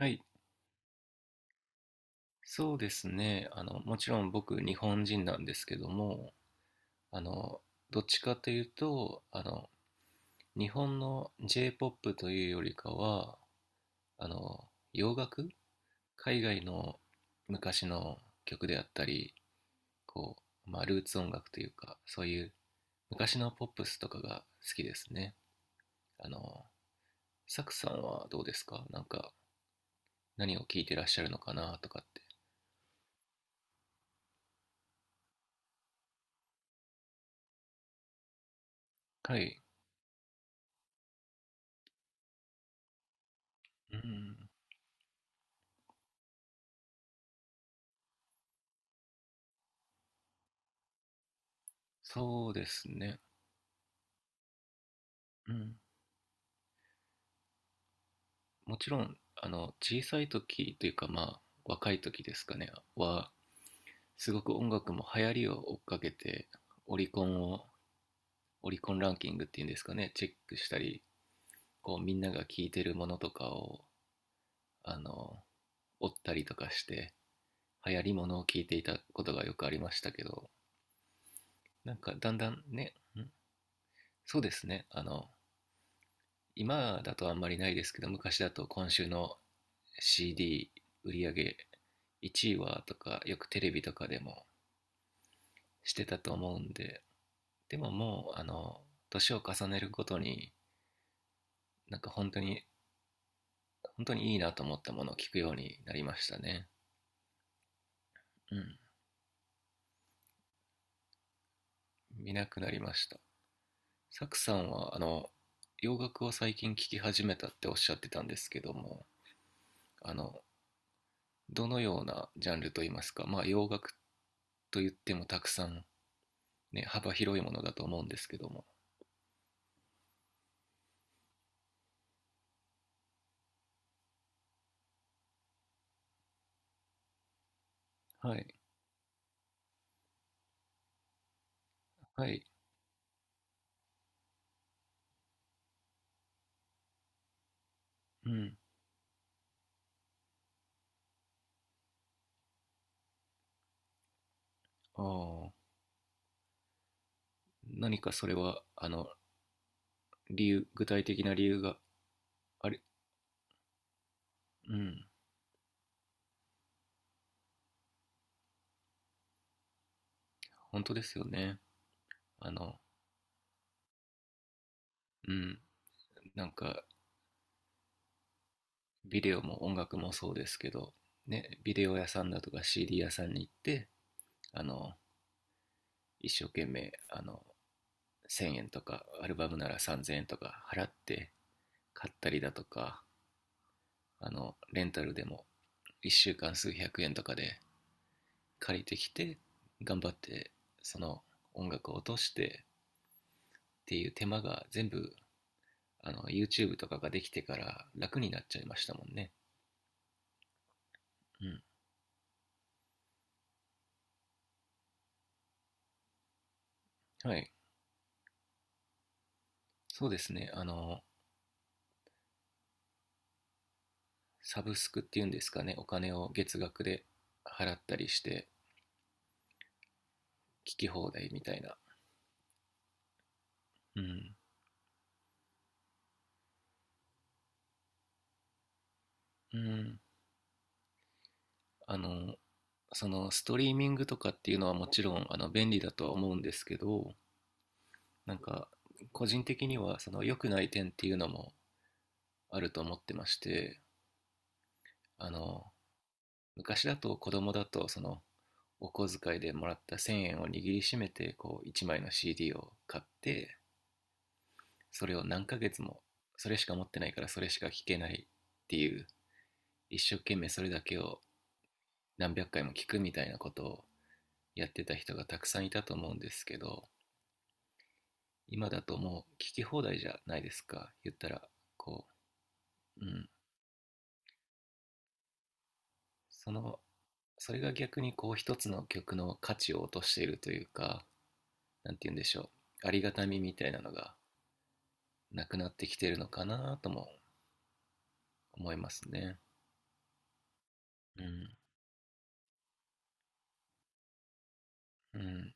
はい、そうですね。もちろん僕、日本人なんですけども、あの、どっちかというと、日本の J-POP というよりかは、洋楽、海外の昔の曲であったり、こまあ、ルーツ音楽というか、そういう昔のポップスとかが好きですね。あの、サクさんはどうですか。なんか、何を聴いてらっしゃるのかなとかって。はい。うん、そうですね。うん。もちろん小さい時というか、まあ若い時ですかねは、すごく音楽も流行りを追っかけて、オリコンを、オリコンランキングっていうんですかね、チェックしたり、こうみんなが聴いてるものとかをあの追ったりとかして、流行りものを聴いていたことがよくありましたけど、なんかだんだんねんそうですね。今だとあんまりないですけど、昔だと今週の CD 売り上げ1位はとか、よくテレビとかでもしてたと思うんで、でももう、年を重ねるごとに、なんか本当に、本当にいいなと思ったものを聞くようになりましたね。うん。見なくなりました。サクさんは、洋楽を最近聴き始めたっておっしゃってたんですけども、あの、どのようなジャンルといいますか、まあ洋楽と言ってもたくさん、ね、幅広いものだと思うんですけども。はい。はい。うん。ああ。何かそれは、理由、具体的な理由があれ、うん。本当ですよね。あの、うん、なんか、ビデオも音楽もそうですけど、ね、ビデオ屋さんだとか CD 屋さんに行って、あの、一生懸命、1000円とか、アルバムなら3000円とか払って買ったりだとか、レンタルでも1週間数百円とかで借りてきて、頑張って、その音楽を落としてっていう手間が全部、YouTube とかができてから楽になっちゃいましたもんね。うん。はい、そうですね。サブスクっていうんですかね。お金を月額で払ったりして、聞き放題みたいな。うん。うん。あの、そのストリーミングとかっていうのはもちろん便利だとは思うんですけど、なんか個人的にはその良くない点っていうのもあると思ってまして、あの、昔だと子供だと、そのお小遣いでもらった1000円を握りしめて、こう1枚の CD を買って、それを何ヶ月も、それしか持ってないからそれしか聞けないっていう、一生懸命それだけを何百回も聞くみたいなことをやってた人がたくさんいたと思うんですけど、今だともう聞き放題じゃないですか、言ったら。こううんそのそれが逆に、こう一つの曲の価値を落としているというか、なんて言うんでしょう、ありがたみみたいなのがなくなってきてるのかなとも思いますね。うん。うん。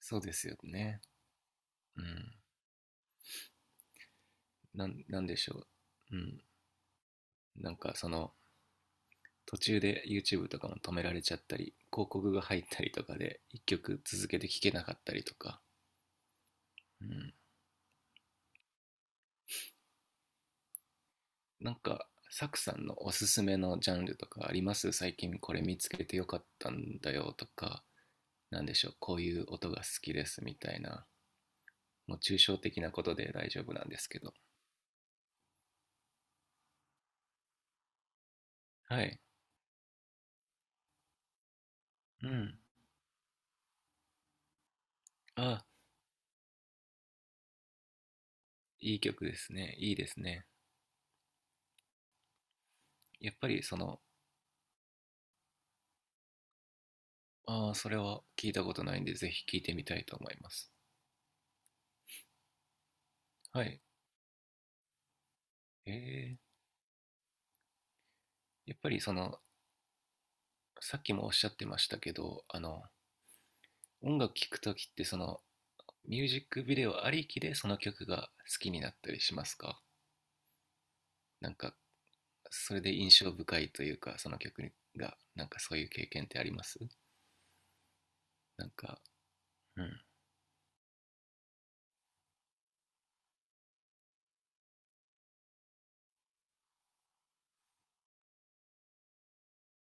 そうですよね。うん。なんでしょう。うん。なんかその、途中で YouTube とかも止められちゃったり、広告が入ったりとかで、一曲続けて聴けなかったりとか。うん。なんか、サクさんのおすすめのジャンルとかあります、最近これ見つけてよかったんだよとか。なんでしょう。こういう音が好きですみたいな。もう抽象的なことで大丈夫なんですけど。はい。うん。あ、いい曲ですね。いいですね。やっぱりその、ああ、それは聞いたことないんで、ぜひ聞いてみたいと思います。はい。ええ、やっぱりその、さっきもおっしゃってましたけど、音楽聴くときってその、ミュージックビデオありきでその曲が好きになったりしますか。なんか、それで印象深いというか、その曲が、なんかそういう経験ってあります、なんか。うん。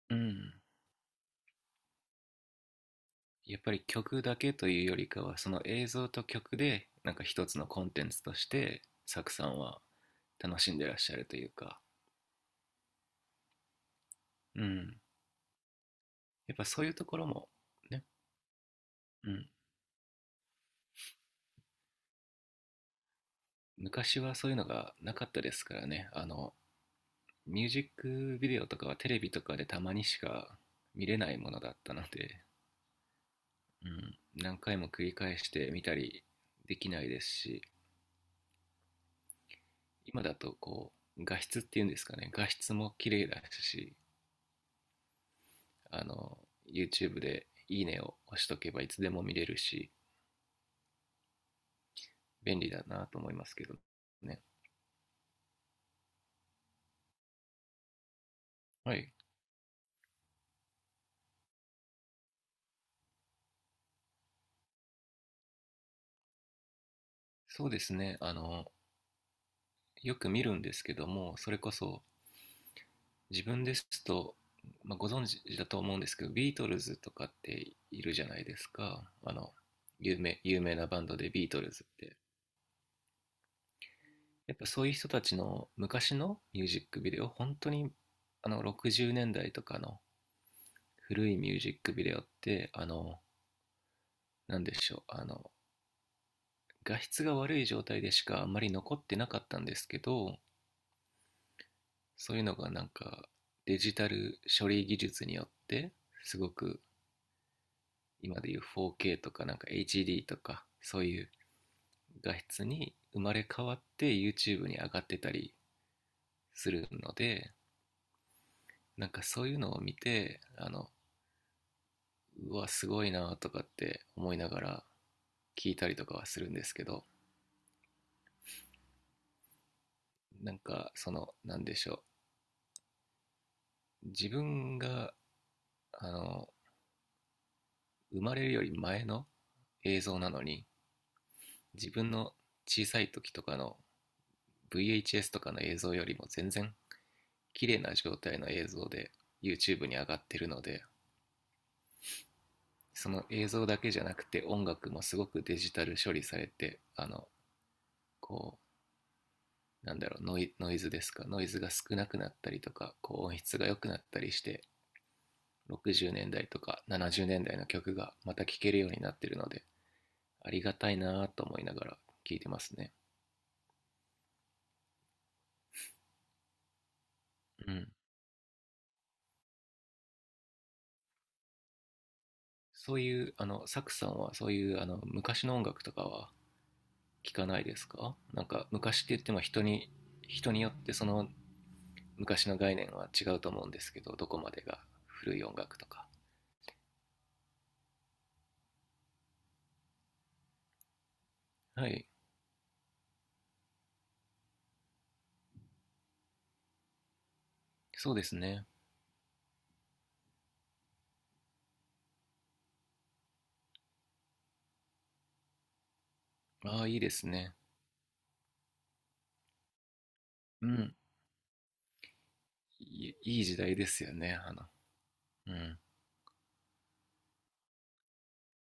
うん。やっぱり曲だけというよりかは、その映像と曲で、なんか一つのコンテンツとして、サクさんは楽しんでらっしゃるというか。うん。やっぱそういうところも、ね。昔はそういうのがなかったですからね。ミュージックビデオとかはテレビとかでたまにしか見れないものだったので、うん、何回も繰り返して見たりできないですし、今だと画質っていうんですかね、画質も綺麗だし、あの、YouTube でいいねを押しとけばいつでも見れるし、便利だなと思いますけどね。はい。そうですね。よく見るんですけども、それこそ自分ですと、まあ、ご存知だと思うんですけど、ビートルズとかっているじゃないですか。有名なバンドでビートルズって。やっぱそういう人たちの昔のミュージックビデオ、本当に60年代とかの古いミュージックビデオって、あの、なんでしょう、あの、画質が悪い状態でしかあんまり残ってなかったんですけど、そういうのがなんかデジタル処理技術によってすごく、今でいう 4K とかなんか HD とかそういう画質に生まれ変わって YouTube に上がってたりするので、なんかそういうのを見てうわすごいなとかって思いながら聞いたりとかはするんですけど、なんかそのなんでしょう自分があの生まれるより前の映像なのに、自分の小さい時とかの VHS とかの映像よりも全然綺麗な状態の映像で YouTube に上がってるので、その映像だけじゃなくて音楽もすごくデジタル処理されて、こノイズですか、ノイズが少なくなったりとか、こう音質が良くなったりして、60年代とか70年代の曲がまた聴けるようになってるので、ありがたいなと思いながら聴いてますね。うん。そういう、サクさんはそういう昔の音楽とかは聴かないですか。なんか昔って言っても人によってその昔の概念は違うと思うんですけど、どこまでが古い音楽とか。はい、そうですね。ああいいですね。うん。いいい時代ですよね、うん。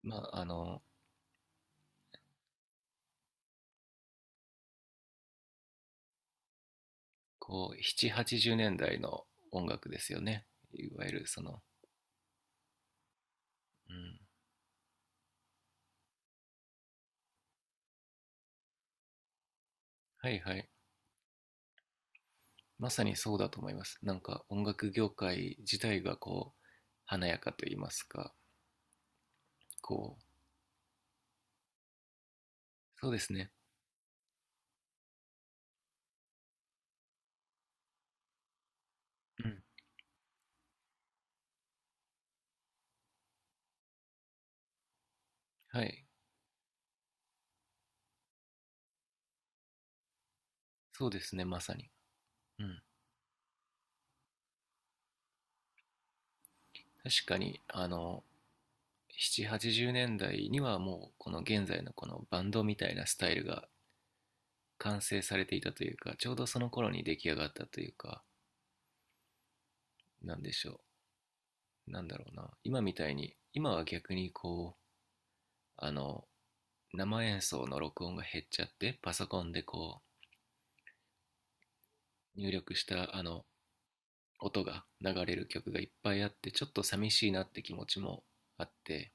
まあ、こう780年代の音楽ですよね、いわゆるその。うん。はいはい、まさにそうだと思います。なんか音楽業界自体がこう華やかと言いますか。こそうですね。うん。はい、そうですね、まさに。うん。確かに7、80年代にはもうこの現在のこのバンドみたいなスタイルが完成されていたというか、ちょうどその頃に出来上がったというか、なんでしょう。なんだろうな。今みたいに、今は逆にこう、あの、生演奏の録音が減っちゃって、パソコンで入力した音が流れる曲がいっぱいあって、ちょっと寂しいなって気持ちもあって、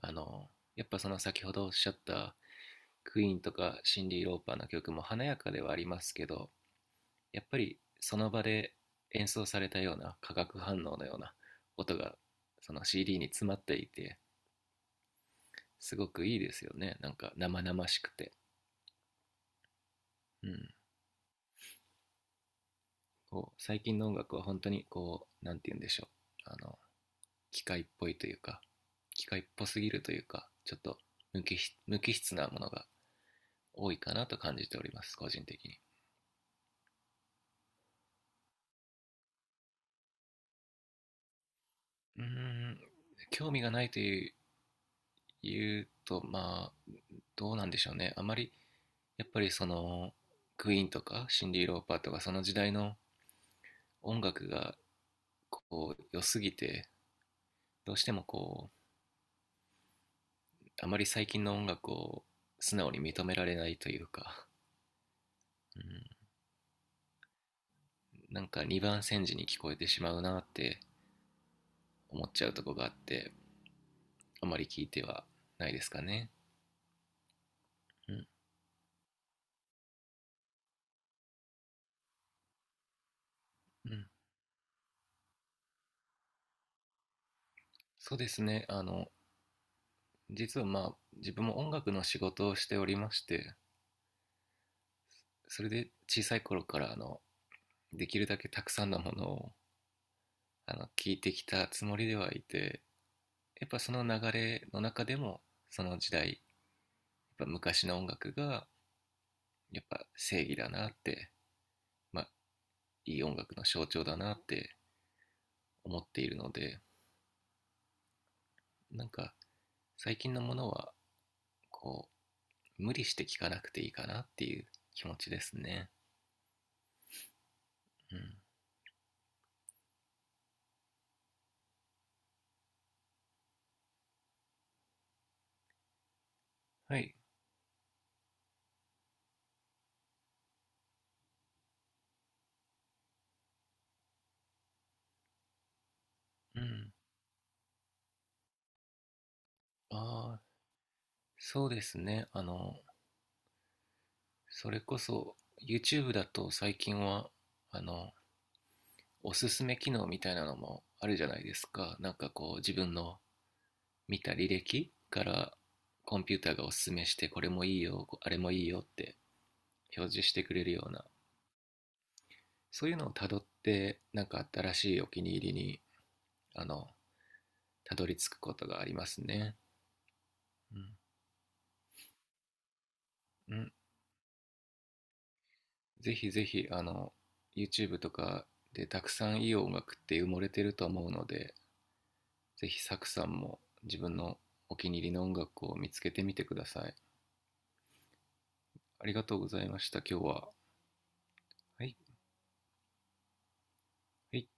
あの、やっぱその先ほどおっしゃったクイーンとかシンディ・ローパーの曲も華やかではありますけど、やっぱりその場で演奏されたような化学反応のような音がその CD に詰まっていて、すごくいいですよね、なんか生々しくて。うん、こう最近の音楽は本当にこうなんて言うんでしょう、あの機械っぽいというか、機械っぽすぎるというか、ちょっと無機無機質なものが多いかなと感じております、個人的に。うーん、興味がないと言うとまあどうなんでしょうね。あまり、やっぱりそのクイーンとかシンディ・ローパーとかその時代の音楽がこう良すぎて、どうしてもあまり最近の音楽を素直に認められないというか。うん、なんか二番煎じに聞こえてしまうなって思っちゃうとこがあって、あまり聞いてはないですかね。うん。うん、そうですね。実はまあ自分も音楽の仕事をしておりまして、それで小さい頃からできるだけたくさんのものを聞いてきたつもりではいて、やっぱその流れの中でも、その時代やっぱ昔の音楽がやっぱ正義だなって、まあ、いい音楽の象徴だなって思っているので、なんか最近のものはこう無理して聴かなくていいかなっていう気持ちですね。うん、はい、うん。ああ、そうですね。それこそ YouTube だと最近はあのおすすめ機能みたいなのもあるじゃないですか。なんかこう自分の見た履歴からコンピューターがおすすめして、これもいいよ、あれもいいよって表示してくれるような、そういうのをたどって、なんか新しいお気に入りにあのたどり着くことがありますね。うん、うん、ぜひぜひYouTube とかでたくさんいい音楽って埋もれてると思うので、ぜひサクさんも自分のお気に入りの音楽を見つけてみてください。ありがとうございました、今日は。はい。はい。